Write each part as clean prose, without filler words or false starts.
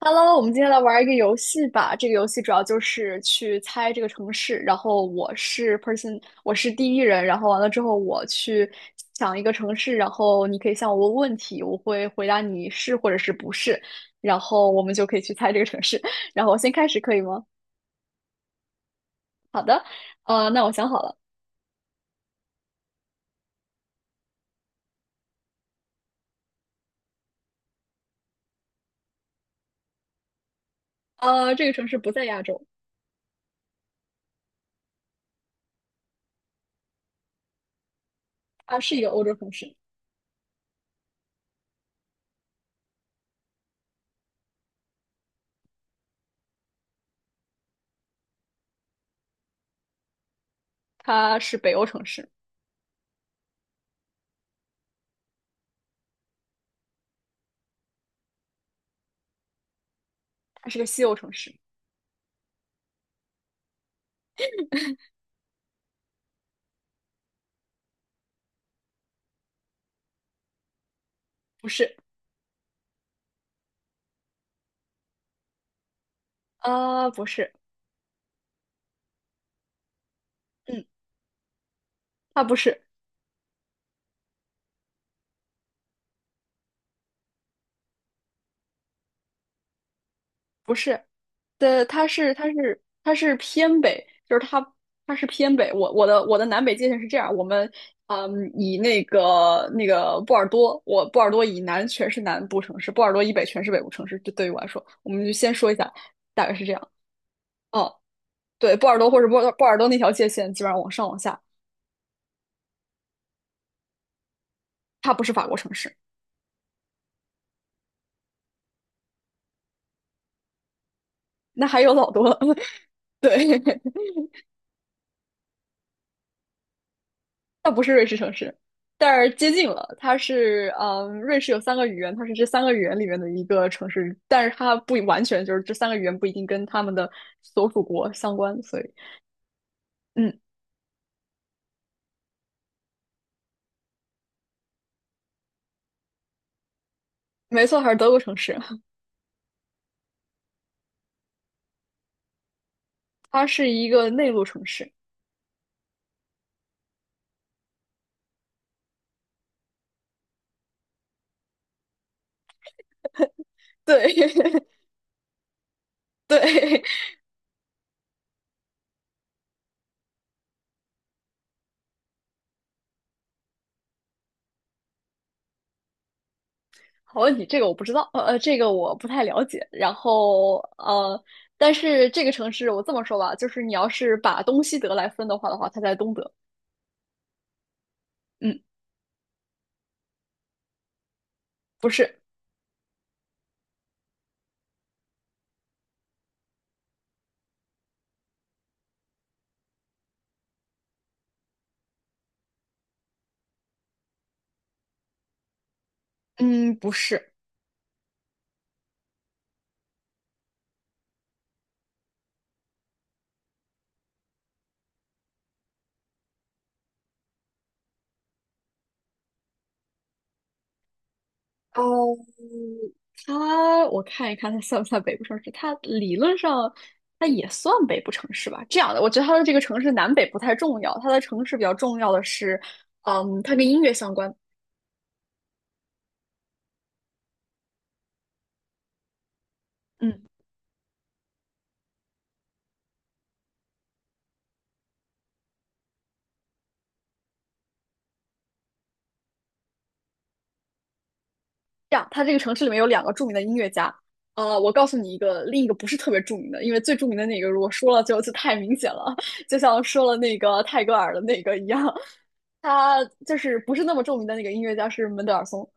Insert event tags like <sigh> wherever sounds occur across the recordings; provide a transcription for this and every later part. Hello，我们今天来玩一个游戏吧。这个游戏主要就是去猜这个城市，然后我是 person，我是第一人，然后完了之后我去想一个城市，然后你可以向我问问题，我会回答你是或者是不是，然后我们就可以去猜这个城市。<laughs> 然后我先开始可以吗？那我想好了，这个城市不在亚洲，它是一个欧洲城市，它是北欧城市，它是个西欧城市，不是，不是，嗯，它不是。不是，的，它是偏北，就是它它是偏北。我的南北界限是这样，我们以那个波尔多，我波尔多以南全是南部城市，波尔多以北全是北部城市。这对于我来说，我们就先说一下，大概是这样。哦，对，波尔多或者波尔多那条界限基本上往上往下，它不是法国城市，那还有老多了。<laughs> 对，它不是瑞士城市，但是接近了。它是，嗯，瑞士有三个语言，它是这三个语言里面的一个城市，但是它不完全就是这三个语言不一定跟他们的所属国相关，所以，嗯，没错，还是德国城市，它是一个内陆城市。对 <laughs> 对，好问题，这个我不知道，呃，这个我不太了解。然后，但是这个城市我这么说吧，就是你要是把东西德来分的话，它在东德。嗯，不是，嗯，不是。哦，它我看一看，它算不算北部城市？它理论上它也算北部城市吧。这样的，我觉得它的这个城市南北不太重要，它的城市比较重要的是，嗯，它跟音乐相关。嗯，这样，它这个城市里面有两个著名的音乐家。我告诉你一个，另一个不是特别著名的，因为最著名的那个如果说了就太明显了，<laughs> 就像说了那个泰戈尔的那个一样，他就是不是那么著名的那个音乐家是门德尔松，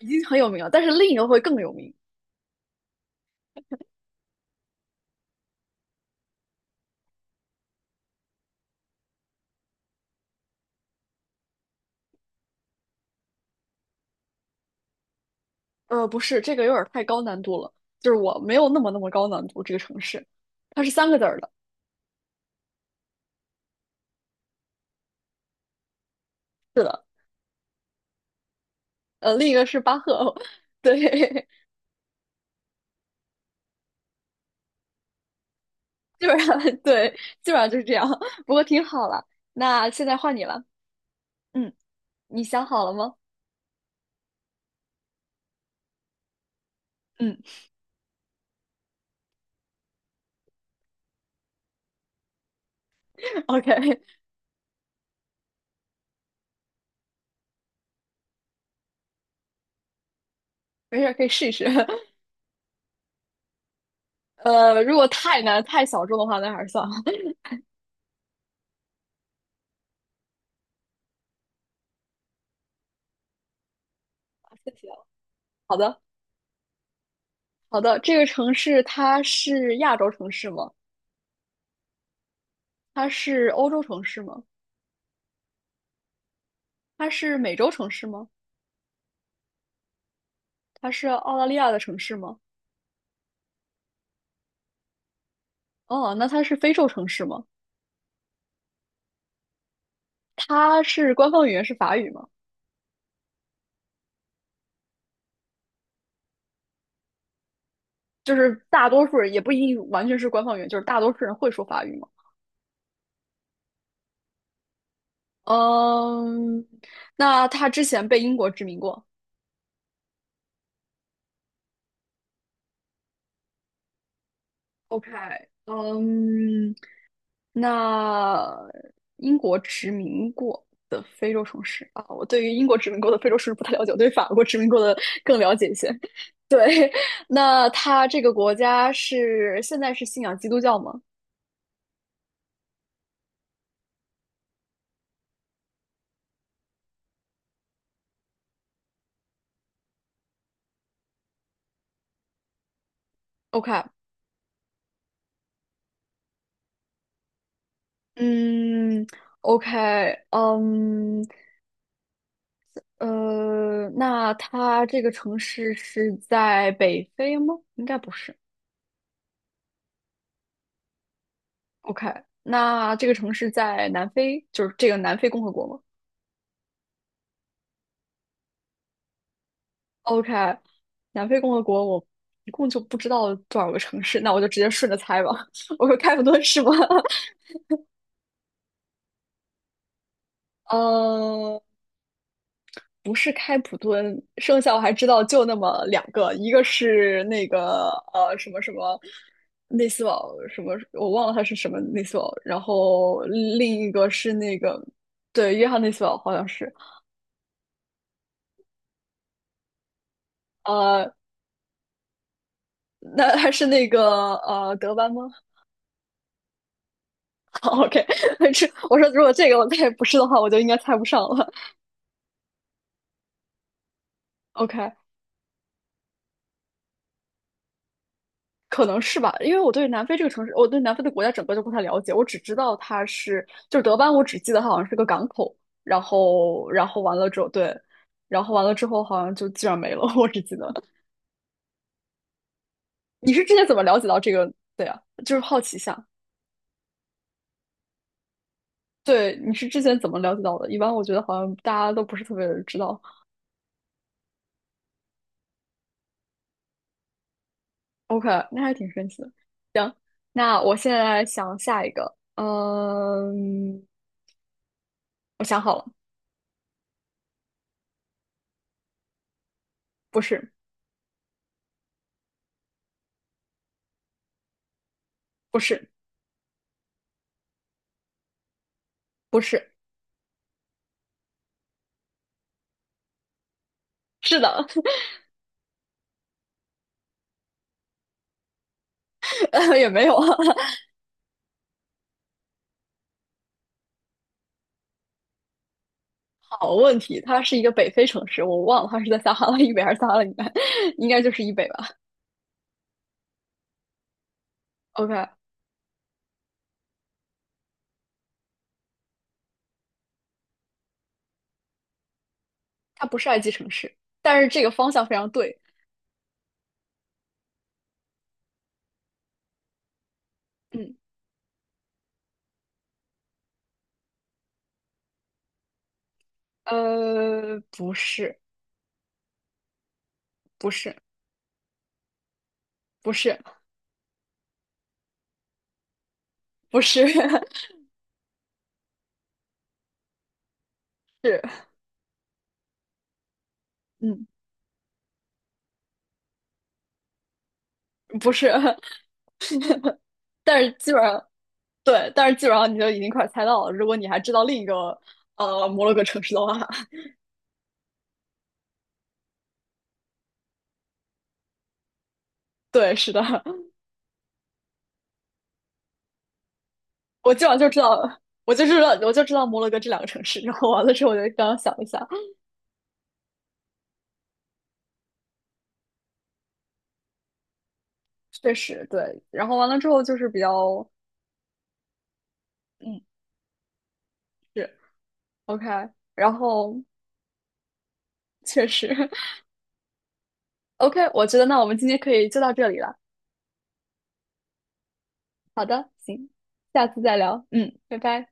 已经很有名了，但是另一个会更有名。不是，这个有点儿太高难度了，就是我没有那么高难度。这个城市，它是三个字儿的，是的，另一个是巴赫，<laughs> 对，<laughs> 基本上对，基本上就是这样。<laughs> 不过挺好了，那现在换你了，嗯，你想好了吗？嗯 <laughs>，OK，没事儿，可以试一试。<laughs> 如果太难、太小众的话，那还是算了。<laughs> 谢谢。好的，好的，这个城市它是亚洲城市吗？它是欧洲城市吗？它是美洲城市吗？它是澳大利亚的城市吗？哦，那它是非洲城市吗？它是官方语言是法语吗？就是大多数人也不一定完全是官方语言，就是大多数人会说法语吗？嗯，那它之前被英国殖民过。OK，嗯，那英国殖民过的非洲城市啊，我对于英国殖民过的非洲城市不太了解，我对法国殖民过的更了解一些。<laughs> 对，那它这个国家是现在是信仰基督教吗？OK，嗯，OK，嗯，那它这个城市是在北非吗？应该不是。OK，那这个城市在南非，就是这个南非共和国吗？OK，南非共和国我一共就不知道多少个城市，那我就直接顺着猜吧。<laughs> 我说开普敦是吗？<laughs> 呃。不是开普敦，剩下我还知道就那么两个，一个是那个什么什么内斯堡什么，我忘了他是什么内斯堡，然后另一个是那个对约翰内斯堡好像是，呃，那还是那个德班吗 <laughs>？OK，<laughs> 这我说如果这个我再不是的话，我就应该猜不上了。OK，可能是吧，因为我对南非这个城市，我对南非的国家整个就不太了解，我只知道它是，就是德班，我只记得它好像是个港口，然后，然后完了之后，对，然后完了之后好像就基本上没了，<laughs> 我只记得。你是之前怎么了解到这个？对呀，就是好奇一下。对，你是之前怎么了解到的？一般我觉得好像大家都不是特别知道。OK，那还挺神奇的。那我现在想下一个，嗯，我想好了，不是，不是，不是，是的，<laughs> 也没有啊好问题，它是一个北非城市，我忘了它是在撒哈拉以北还是撒哈拉以南，<laughs> 应该就是以北吧。OK，它不是埃及城市，但是这个方向非常对。嗯，不是，不是，不是，不是，<laughs> 是，嗯，不是，但是基本上对，但是基本上你就已经快猜到了。如果你还知道另一个摩洛哥城市的话，<laughs> 对，是的，我基本上就知道，我就知道摩洛哥这两个城市。然后完了之后，我就刚刚想了一下，确实对。然后完了之后就是比较，嗯，是 OK。然后确实 <laughs> OK，我觉得那我们今天可以就到这里了。好的，行，下次再聊。嗯，拜拜。